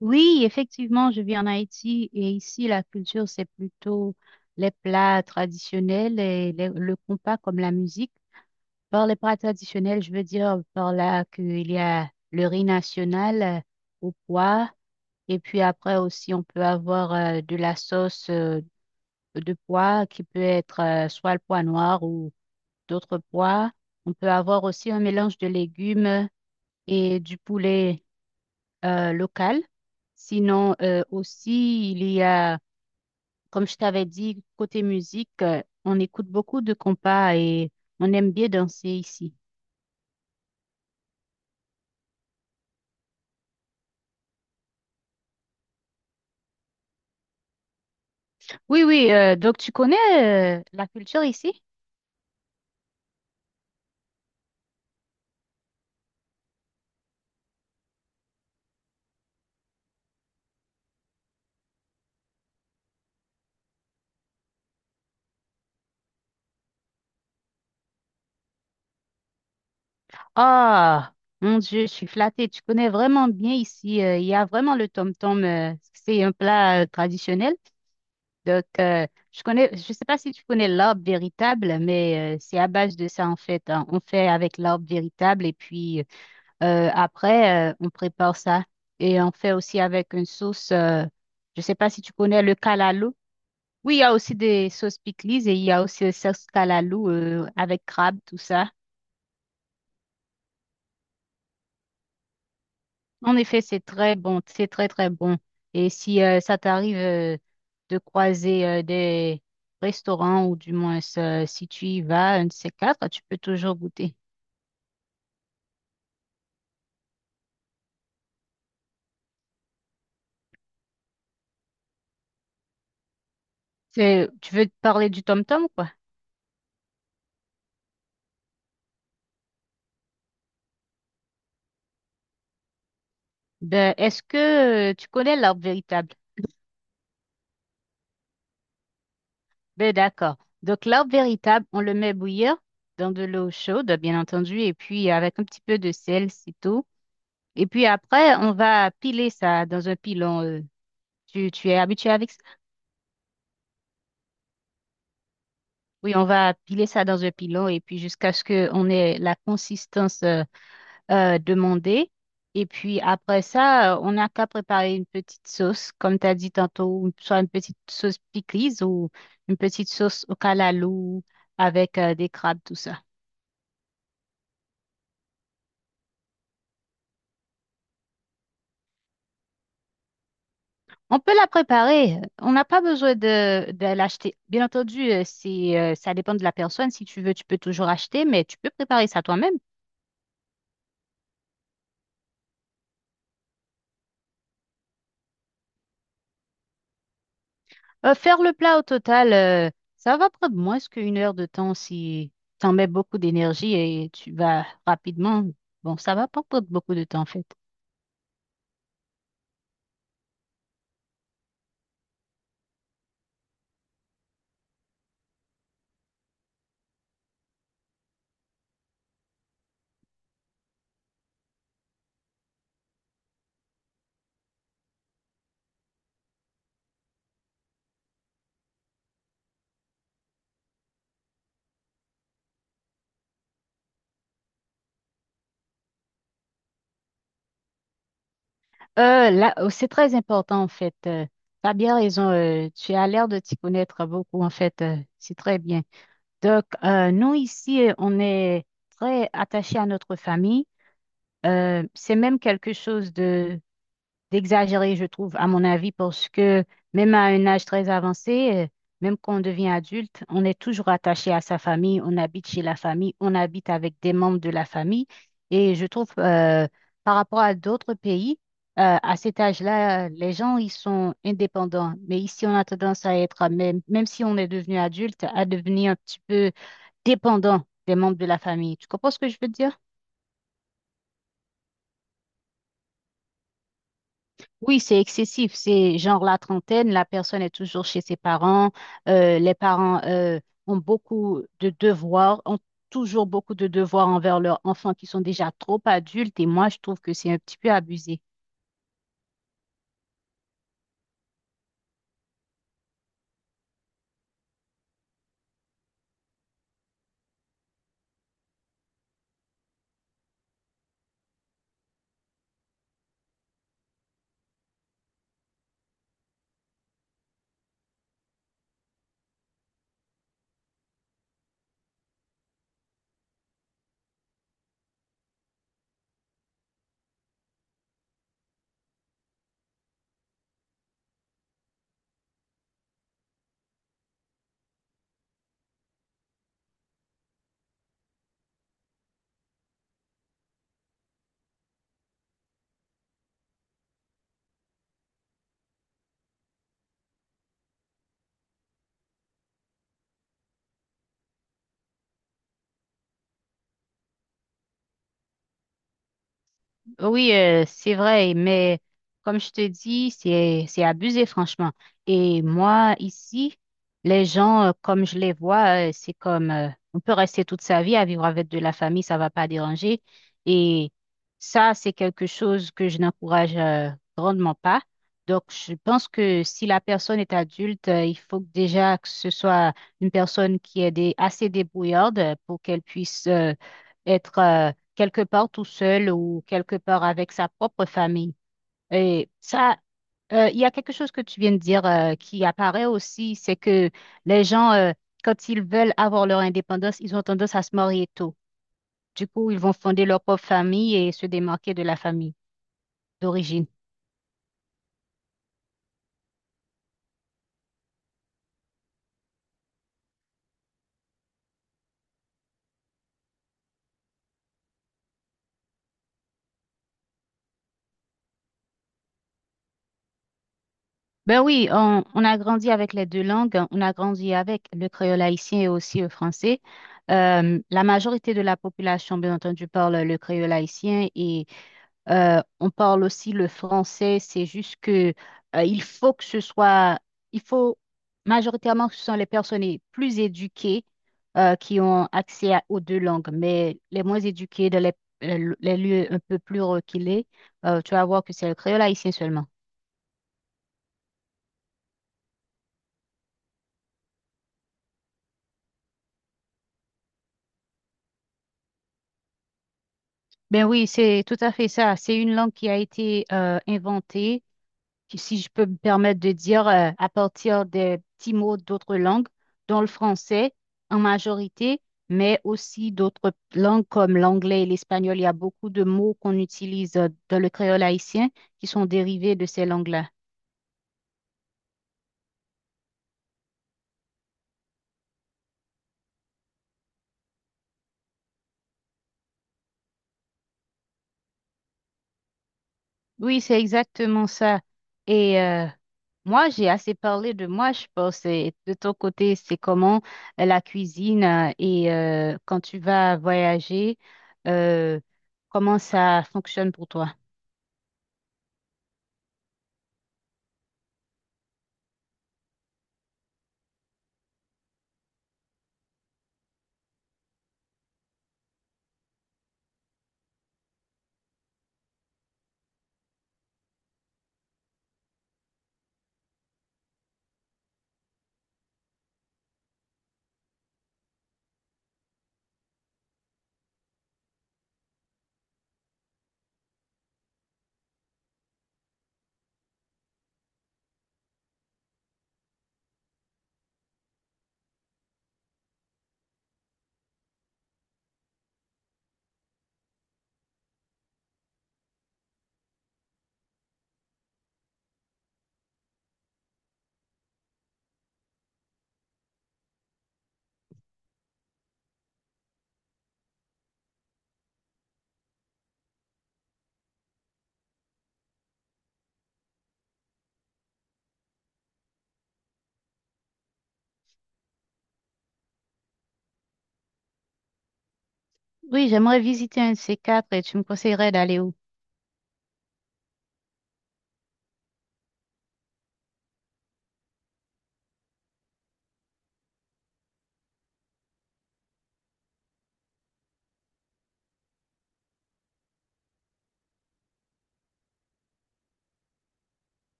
Oui, effectivement, je vis en Haïti et ici, la culture, c'est plutôt les plats traditionnels et le compas comme la musique. Par les plats traditionnels, je veux dire par là qu'il y a le riz national au pois et puis après aussi, on peut avoir de la sauce de pois qui peut être soit le pois noir ou d'autres pois. On peut avoir aussi un mélange de légumes et du poulet locales. Sinon, aussi, il y a, comme je t'avais dit, côté musique, on écoute beaucoup de compas et on aime bien danser ici. Oui, oui, donc tu connais la culture ici? Ah, mon Dieu, je suis flattée. Tu connais vraiment bien ici. Il y a vraiment le tom-tom. C'est un plat traditionnel. Donc, je connais, je sais pas si tu connais l'arbre véritable, mais c'est à base de ça, en fait, hein. On fait avec l'arbre véritable et puis après, on prépare ça et on fait aussi avec une sauce. Je sais pas si tu connais le calalo. Oui, il y a aussi des sauces pickles et il y a aussi des sauces calalo avec crabe, tout ça. En effet, c'est très bon, c'est très très bon. Et si ça t'arrive de croiser des restaurants ou du moins si tu y vas, un de ces quatre, tu peux toujours goûter. C'est- Tu veux te parler du tom-tom, quoi? Ben, est-ce que tu connais l'arbre véritable? Ben d'accord. Donc l'arbre véritable, on le met bouillir dans de l'eau chaude, bien entendu, et puis avec un petit peu de sel, c'est tout. Et puis après, on va piler ça dans un pilon. Tu, tu es habitué avec ça? Oui, on va piler ça dans un pilon et puis jusqu'à ce qu'on ait la consistance demandée. Et puis après ça, on n'a qu'à préparer une petite sauce, comme tu as dit tantôt, soit une petite sauce pickles ou une petite sauce au calalou avec des crabes, tout ça. On peut la préparer. On n'a pas besoin de l'acheter. Bien entendu, c'est, ça dépend de la personne. Si tu veux, tu peux toujours acheter, mais tu peux préparer ça toi-même. Faire le plat au total, ça va prendre moins qu'une heure de temps si tu en mets beaucoup d'énergie et tu vas rapidement. Bon, ça va pas prendre beaucoup de temps, en fait. Là, c'est très important, en fait. Tu bien raison. Tu as l'air de t'y connaître beaucoup, en fait. C'est très bien. Donc, nous, ici, on est très attachés à notre famille. C'est même quelque chose de d'exagéré, je trouve, à mon avis, parce que même à un âge très avancé, même quand on devient adulte, on est toujours attaché à sa famille, on habite chez la famille, on habite avec des membres de la famille. Et je trouve, par rapport à d'autres pays, à cet âge-là, les gens, ils sont indépendants. Mais ici, on a tendance à être, même, même si on est devenu adulte, à devenir un petit peu dépendant des membres de la famille. Tu comprends ce que je veux dire? Oui, c'est excessif. C'est genre la trentaine, la personne est toujours chez ses parents. Les parents ont beaucoup de devoirs, ont toujours beaucoup de devoirs envers leurs enfants qui sont déjà trop adultes. Et moi, je trouve que c'est un petit peu abusé. Oui, c'est vrai, mais comme je te dis, c'est abusé, franchement. Et moi, ici, les gens, comme je les vois, c'est comme on peut rester toute sa vie à vivre avec de la famille, ça va pas déranger. Et ça, c'est quelque chose que je n'encourage grandement pas. Donc, je pense que si la personne est adulte, il faut que déjà que ce soit une personne qui est assez débrouillarde pour qu'elle puisse être quelque part tout seul ou quelque part avec sa propre famille. Et ça, il y a quelque chose que tu viens de dire qui apparaît aussi, c'est que les gens, quand ils veulent avoir leur indépendance, ils ont tendance à se marier tôt. Du coup, ils vont fonder leur propre famille et se démarquer de la famille d'origine. Ben oui, on a grandi avec les deux langues, on a grandi avec le créole haïtien et aussi le français. La majorité de la population, bien entendu, parle le créole haïtien et on parle aussi le français, c'est juste que il faut que ce soit, il faut majoritairement que ce sont les personnes les plus éduquées qui ont accès aux deux langues, mais les moins éduquées dans les, les lieux un peu plus reculés, tu vas voir que c'est le créole haïtien seulement. Ben oui, c'est tout à fait ça. C'est une langue qui a été inventée qui, si je peux me permettre de dire, à partir des petits mots d'autres langues, dont le français en majorité, mais aussi d'autres langues comme l'anglais et l'espagnol. Il y a beaucoup de mots qu'on utilise dans le créole haïtien qui sont dérivés de ces langues-là. Oui, c'est exactement ça. Et moi, j'ai assez parlé de moi, je pense. Et de ton côté, c'est comment la cuisine et quand tu vas voyager, euh, comment ça fonctionne pour toi? Oui, j'aimerais visiter un de ces quatre et tu me conseillerais d'aller où?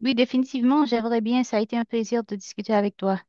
Oui, définitivement, j'aimerais bien. Ça a été un plaisir de discuter avec toi.